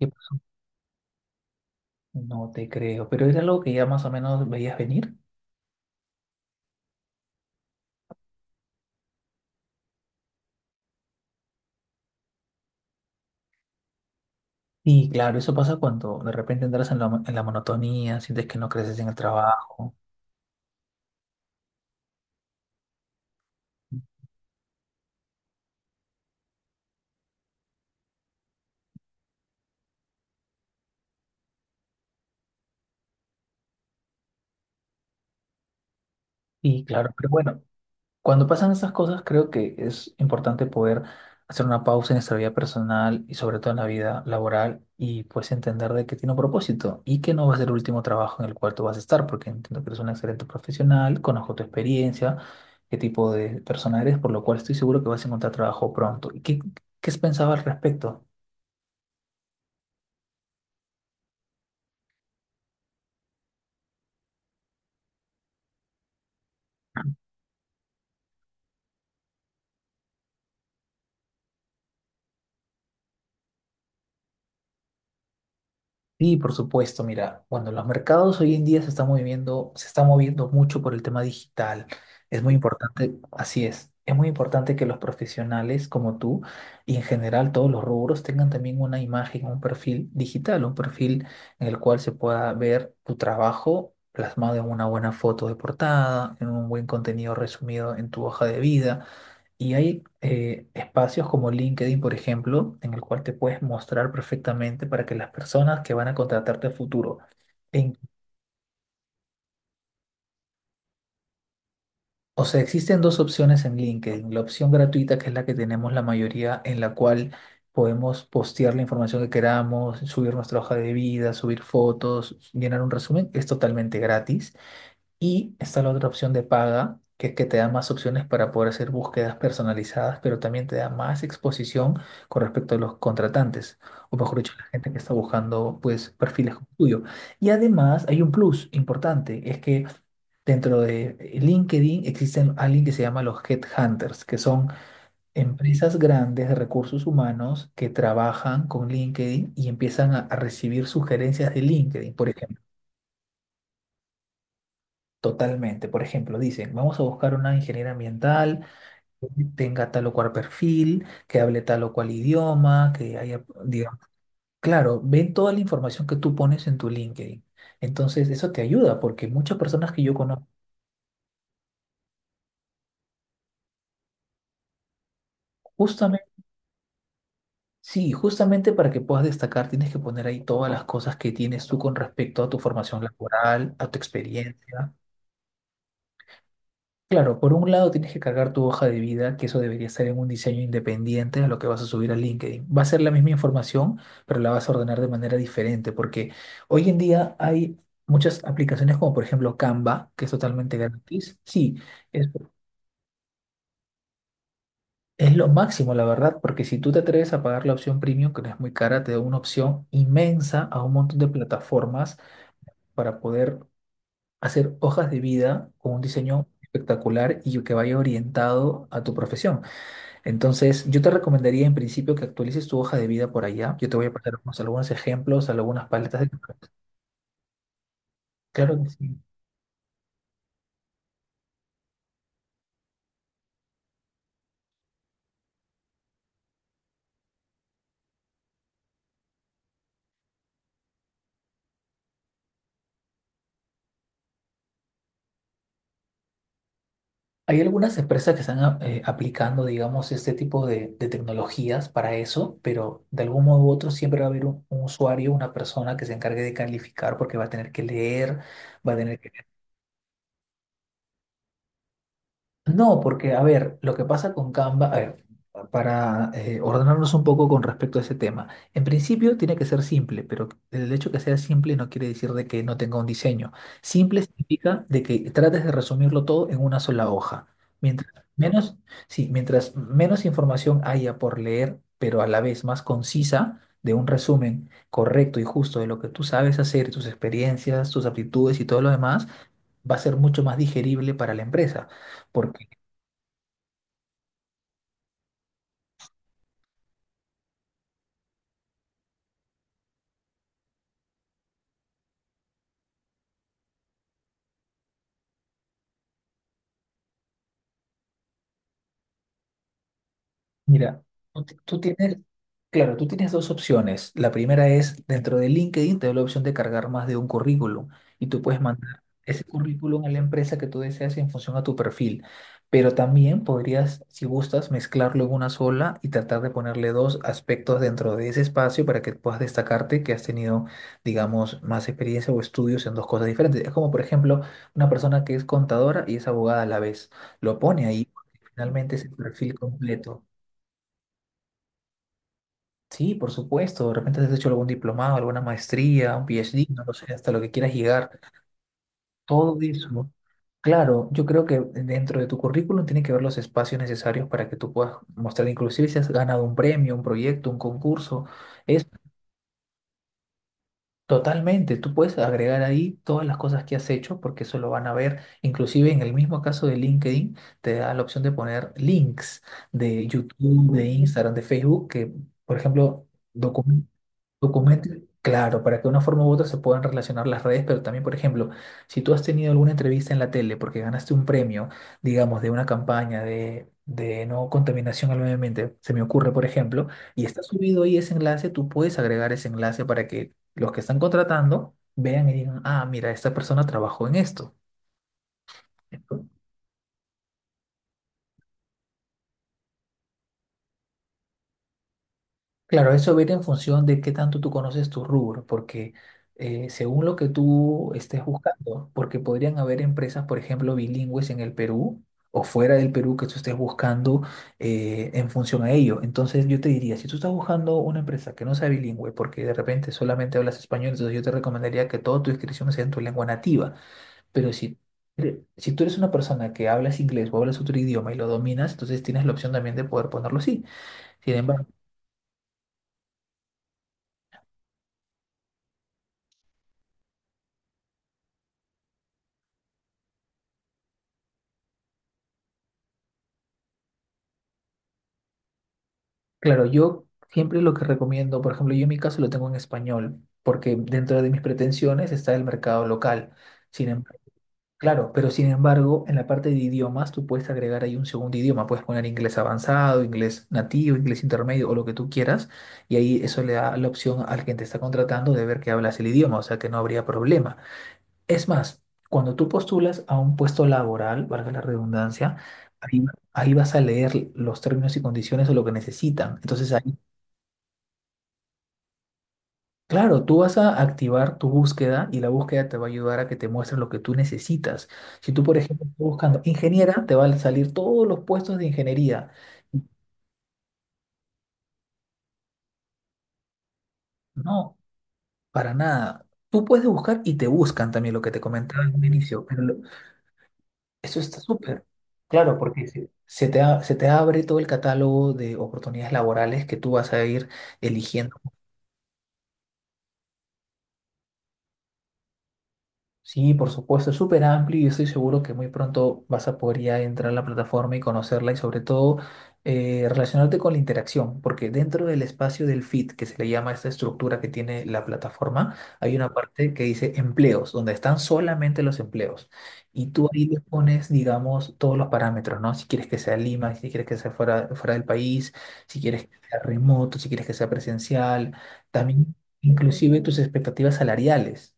Y no te creo, pero era algo que ya más o menos veías venir. Y claro, eso pasa cuando de repente entras en la monotonía, sientes que no creces en el trabajo. Y claro, pero bueno, cuando pasan esas cosas, creo que es importante poder hacer una pausa en nuestra vida personal y sobre todo en la vida laboral, y pues entender de que tiene un propósito y que no va a ser el último trabajo en el cual tú vas a estar, porque entiendo que eres un excelente profesional, conozco tu experiencia, qué tipo de persona eres, por lo cual estoy seguro que vas a encontrar trabajo pronto. ¿Y qué has pensado al respecto? Sí, por supuesto. Mira, bueno, los mercados hoy en día se están moviendo, se está moviendo mucho por el tema digital. Es muy importante, así es. Es muy importante que los profesionales como tú y en general todos los rubros tengan también una imagen, un perfil digital, un perfil en el cual se pueda ver tu trabajo plasmado en una buena foto de portada, en un buen contenido resumido en tu hoja de vida. Y hay espacios como LinkedIn, por ejemplo, en el cual te puedes mostrar perfectamente para que las personas que van a contratarte a futuro. en- o sea, existen dos opciones en LinkedIn. La opción gratuita, que es la que tenemos la mayoría, en la cual podemos postear la información que queramos, subir nuestra hoja de vida, subir fotos, llenar un resumen, es totalmente gratis. Y está la otra opción de paga, que es que te da más opciones para poder hacer búsquedas personalizadas, pero también te da más exposición con respecto a los contratantes, o mejor dicho, la gente que está buscando pues perfiles como el tuyo. Y además hay un plus importante, es que dentro de LinkedIn existen alguien que se llama los headhunters, que son empresas grandes de recursos humanos que trabajan con LinkedIn y empiezan a recibir sugerencias de LinkedIn. Por ejemplo, totalmente. Por ejemplo, dicen, vamos a buscar una ingeniera ambiental que tenga tal o cual perfil, que hable tal o cual idioma, que haya, digamos, claro, ven toda la información que tú pones en tu LinkedIn. Entonces, eso te ayuda porque muchas personas que yo conozco, justamente, sí, justamente para que puedas destacar, tienes que poner ahí todas las cosas que tienes tú con respecto a tu formación laboral, a tu experiencia. Claro, por un lado tienes que cargar tu hoja de vida, que eso debería estar en un diseño independiente a lo que vas a subir a LinkedIn. Va a ser la misma información, pero la vas a ordenar de manera diferente, porque hoy en día hay muchas aplicaciones como por ejemplo Canva, que es totalmente gratis. Sí, es, es lo máximo, la verdad, porque si tú te atreves a pagar la opción premium, que no es muy cara, te da una opción inmensa a un montón de plataformas para poder hacer hojas de vida con un diseño espectacular y que vaya orientado a tu profesión. Entonces, yo te recomendaría en principio que actualices tu hoja de vida por allá. Yo te voy a pasar algunos ejemplos, algunas paletas de... Claro que sí. Hay algunas empresas que están aplicando, digamos, este tipo de tecnologías para eso, pero de algún modo u otro siempre va a haber un usuario, una persona que se encargue de calificar porque va a tener que leer, va a tener que no, porque, a ver, lo que pasa con Canva, a ver, para ordenarnos un poco con respecto a ese tema, en principio tiene que ser simple, pero el hecho que sea simple no quiere decir de que no tenga un diseño. Simple significa de que trates de resumirlo todo en una sola hoja. Mientras menos, sí, mientras menos información haya por leer, pero a la vez más concisa, de un resumen correcto y justo de lo que tú sabes hacer, tus experiencias, tus aptitudes y todo lo demás, va a ser mucho más digerible para la empresa, porque mira, tú ti- tú tienes, claro, tú tienes dos opciones. La primera es, dentro de LinkedIn te da la opción de cargar más de un currículum y tú puedes mandar ese currículum a la empresa que tú deseas en función a tu perfil. Pero también podrías, si gustas, mezclarlo en una sola y tratar de ponerle dos aspectos dentro de ese espacio para que puedas destacarte que has tenido, digamos, más experiencia o estudios en dos cosas diferentes. Es como, por ejemplo, una persona que es contadora y es abogada a la vez. Lo pone ahí, porque finalmente es el perfil completo. Sí, por supuesto. De repente has hecho algún diplomado, alguna maestría, un PhD, no lo sé, hasta lo que quieras llegar. Todo eso, ¿no? Claro, yo creo que dentro de tu currículum tiene que haber los espacios necesarios para que tú puedas mostrar, inclusive si has ganado un premio, un proyecto, un concurso. Es totalmente, tú puedes agregar ahí todas las cosas que has hecho porque eso lo van a ver. Inclusive en el mismo caso de LinkedIn, te da la opción de poner links de YouTube, de Instagram, de Facebook, que, por ejemplo, documentos. Documentos, claro, para que de una forma u otra se puedan relacionar las redes, pero también, por ejemplo, si tú has tenido alguna entrevista en la tele porque ganaste un premio, digamos, de una campaña de no contaminación al medio ambiente, se me ocurre, por ejemplo, y está subido ahí ese enlace, tú puedes agregar ese enlace para que los que están contratando vean y digan, ah, mira, esta persona trabajó en esto. Claro, eso viene en función de qué tanto tú conoces tu rubro, porque según lo que tú estés buscando, porque podrían haber empresas, por ejemplo, bilingües en el Perú o fuera del Perú que tú estés buscando en función a ello. Entonces yo te diría, si tú estás buscando una empresa que no sea bilingüe, porque de repente solamente hablas español, entonces yo te recomendaría que toda tu inscripción sea en tu lengua nativa. Pero si, si tú eres una persona que hablas inglés o hablas otro idioma y lo dominas, entonces tienes la opción también de poder ponerlo así. Sin embargo, claro, yo siempre lo que recomiendo, por ejemplo, yo en mi caso lo tengo en español, porque dentro de mis pretensiones está el mercado local. Sin embargo, claro, pero sin embargo, en la parte de idiomas tú puedes agregar ahí un segundo idioma, puedes poner inglés avanzado, inglés nativo, inglés intermedio o lo que tú quieras, y ahí eso le da la opción al que te está contratando de ver que hablas el idioma, o sea que no habría problema. Es más, cuando tú postulas a un puesto laboral, valga la redundancia, ahí ahí vas a leer los términos y condiciones o lo que necesitan. Entonces ahí claro, tú vas a activar tu búsqueda y la búsqueda te va a ayudar a que te muestre lo que tú necesitas. Si tú, por ejemplo, estás buscando ingeniera, te van a salir todos los puestos de ingeniería. No, para nada. Tú puedes buscar y te buscan también lo que te comentaba en un inicio, pero eso está súper. Claro, porque se te abre todo el catálogo de oportunidades laborales que tú vas a ir eligiendo. Sí, por supuesto, es súper amplio y estoy seguro que muy pronto vas a poder ya entrar a la plataforma y conocerla y sobre todo relacionarte con la interacción, porque dentro del espacio del feed, que se le llama esta estructura que tiene la plataforma, hay una parte que dice empleos, donde están solamente los empleos. Y tú ahí le pones, digamos, todos los parámetros, ¿no? Si quieres que sea Lima, si quieres que sea fuera, fuera del país, si quieres que sea remoto, si quieres que sea presencial, también inclusive tus expectativas salariales.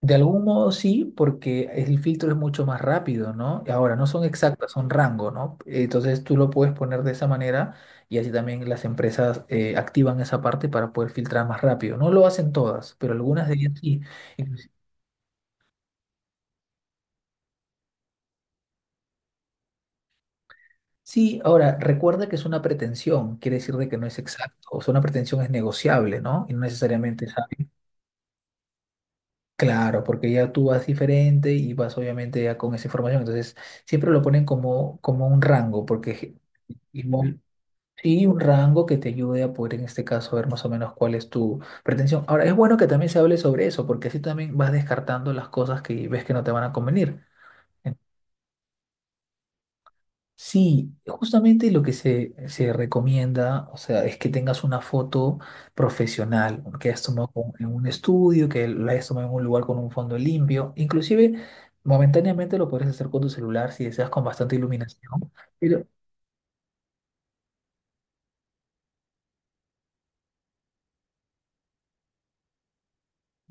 De algún modo sí, porque el filtro es mucho más rápido, ¿no? Y ahora, no son exactas, son rango, ¿no? Entonces tú lo puedes poner de esa manera y así también las empresas activan esa parte para poder filtrar más rápido. No lo hacen todas, pero algunas de ellas sí. Inclusi- Sí, ahora, recuerda que es una pretensión, quiere decir de que no es exacto. O sea, una pretensión es negociable, ¿no? Y no necesariamente es hábil. Claro, porque ya tú vas diferente y vas obviamente ya con esa información. Entonces, siempre lo ponen como, como un rango, porque... Y mo- Sí, un rango que te ayude a poder en este caso ver más o menos cuál es tu pretensión. Ahora, es bueno que también se hable sobre eso, porque así también vas descartando las cosas que ves que no te van a convenir. En- Sí, justamente lo que se recomienda, o sea, es que tengas una foto profesional, que hayas tomado en un estudio, que la hayas tomado en un lugar con un fondo limpio. Inclusive, momentáneamente lo puedes hacer con tu celular si deseas con bastante iluminación.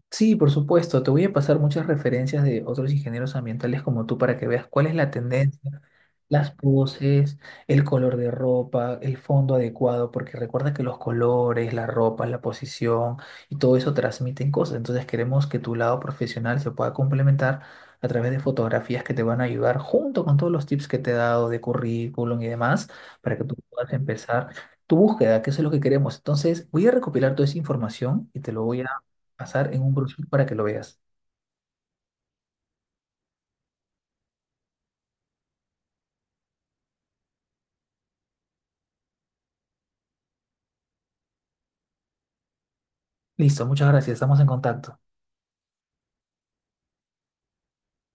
Sí, por supuesto. Te voy a pasar muchas referencias de otros ingenieros ambientales como tú para que veas cuál es la tendencia, las poses, el color de ropa, el fondo adecuado, porque recuerda que los colores, la ropa, la posición y todo eso transmiten cosas. Entonces queremos que tu lado profesional se pueda complementar a través de fotografías que te van a ayudar junto con todos los tips que te he dado de currículum y demás para que tú puedas empezar tu búsqueda, que eso es lo que queremos. Entonces, voy a recopilar toda esa información y te lo voy a pasar en un brochure para que lo veas. Listo, muchas gracias, estamos en contacto.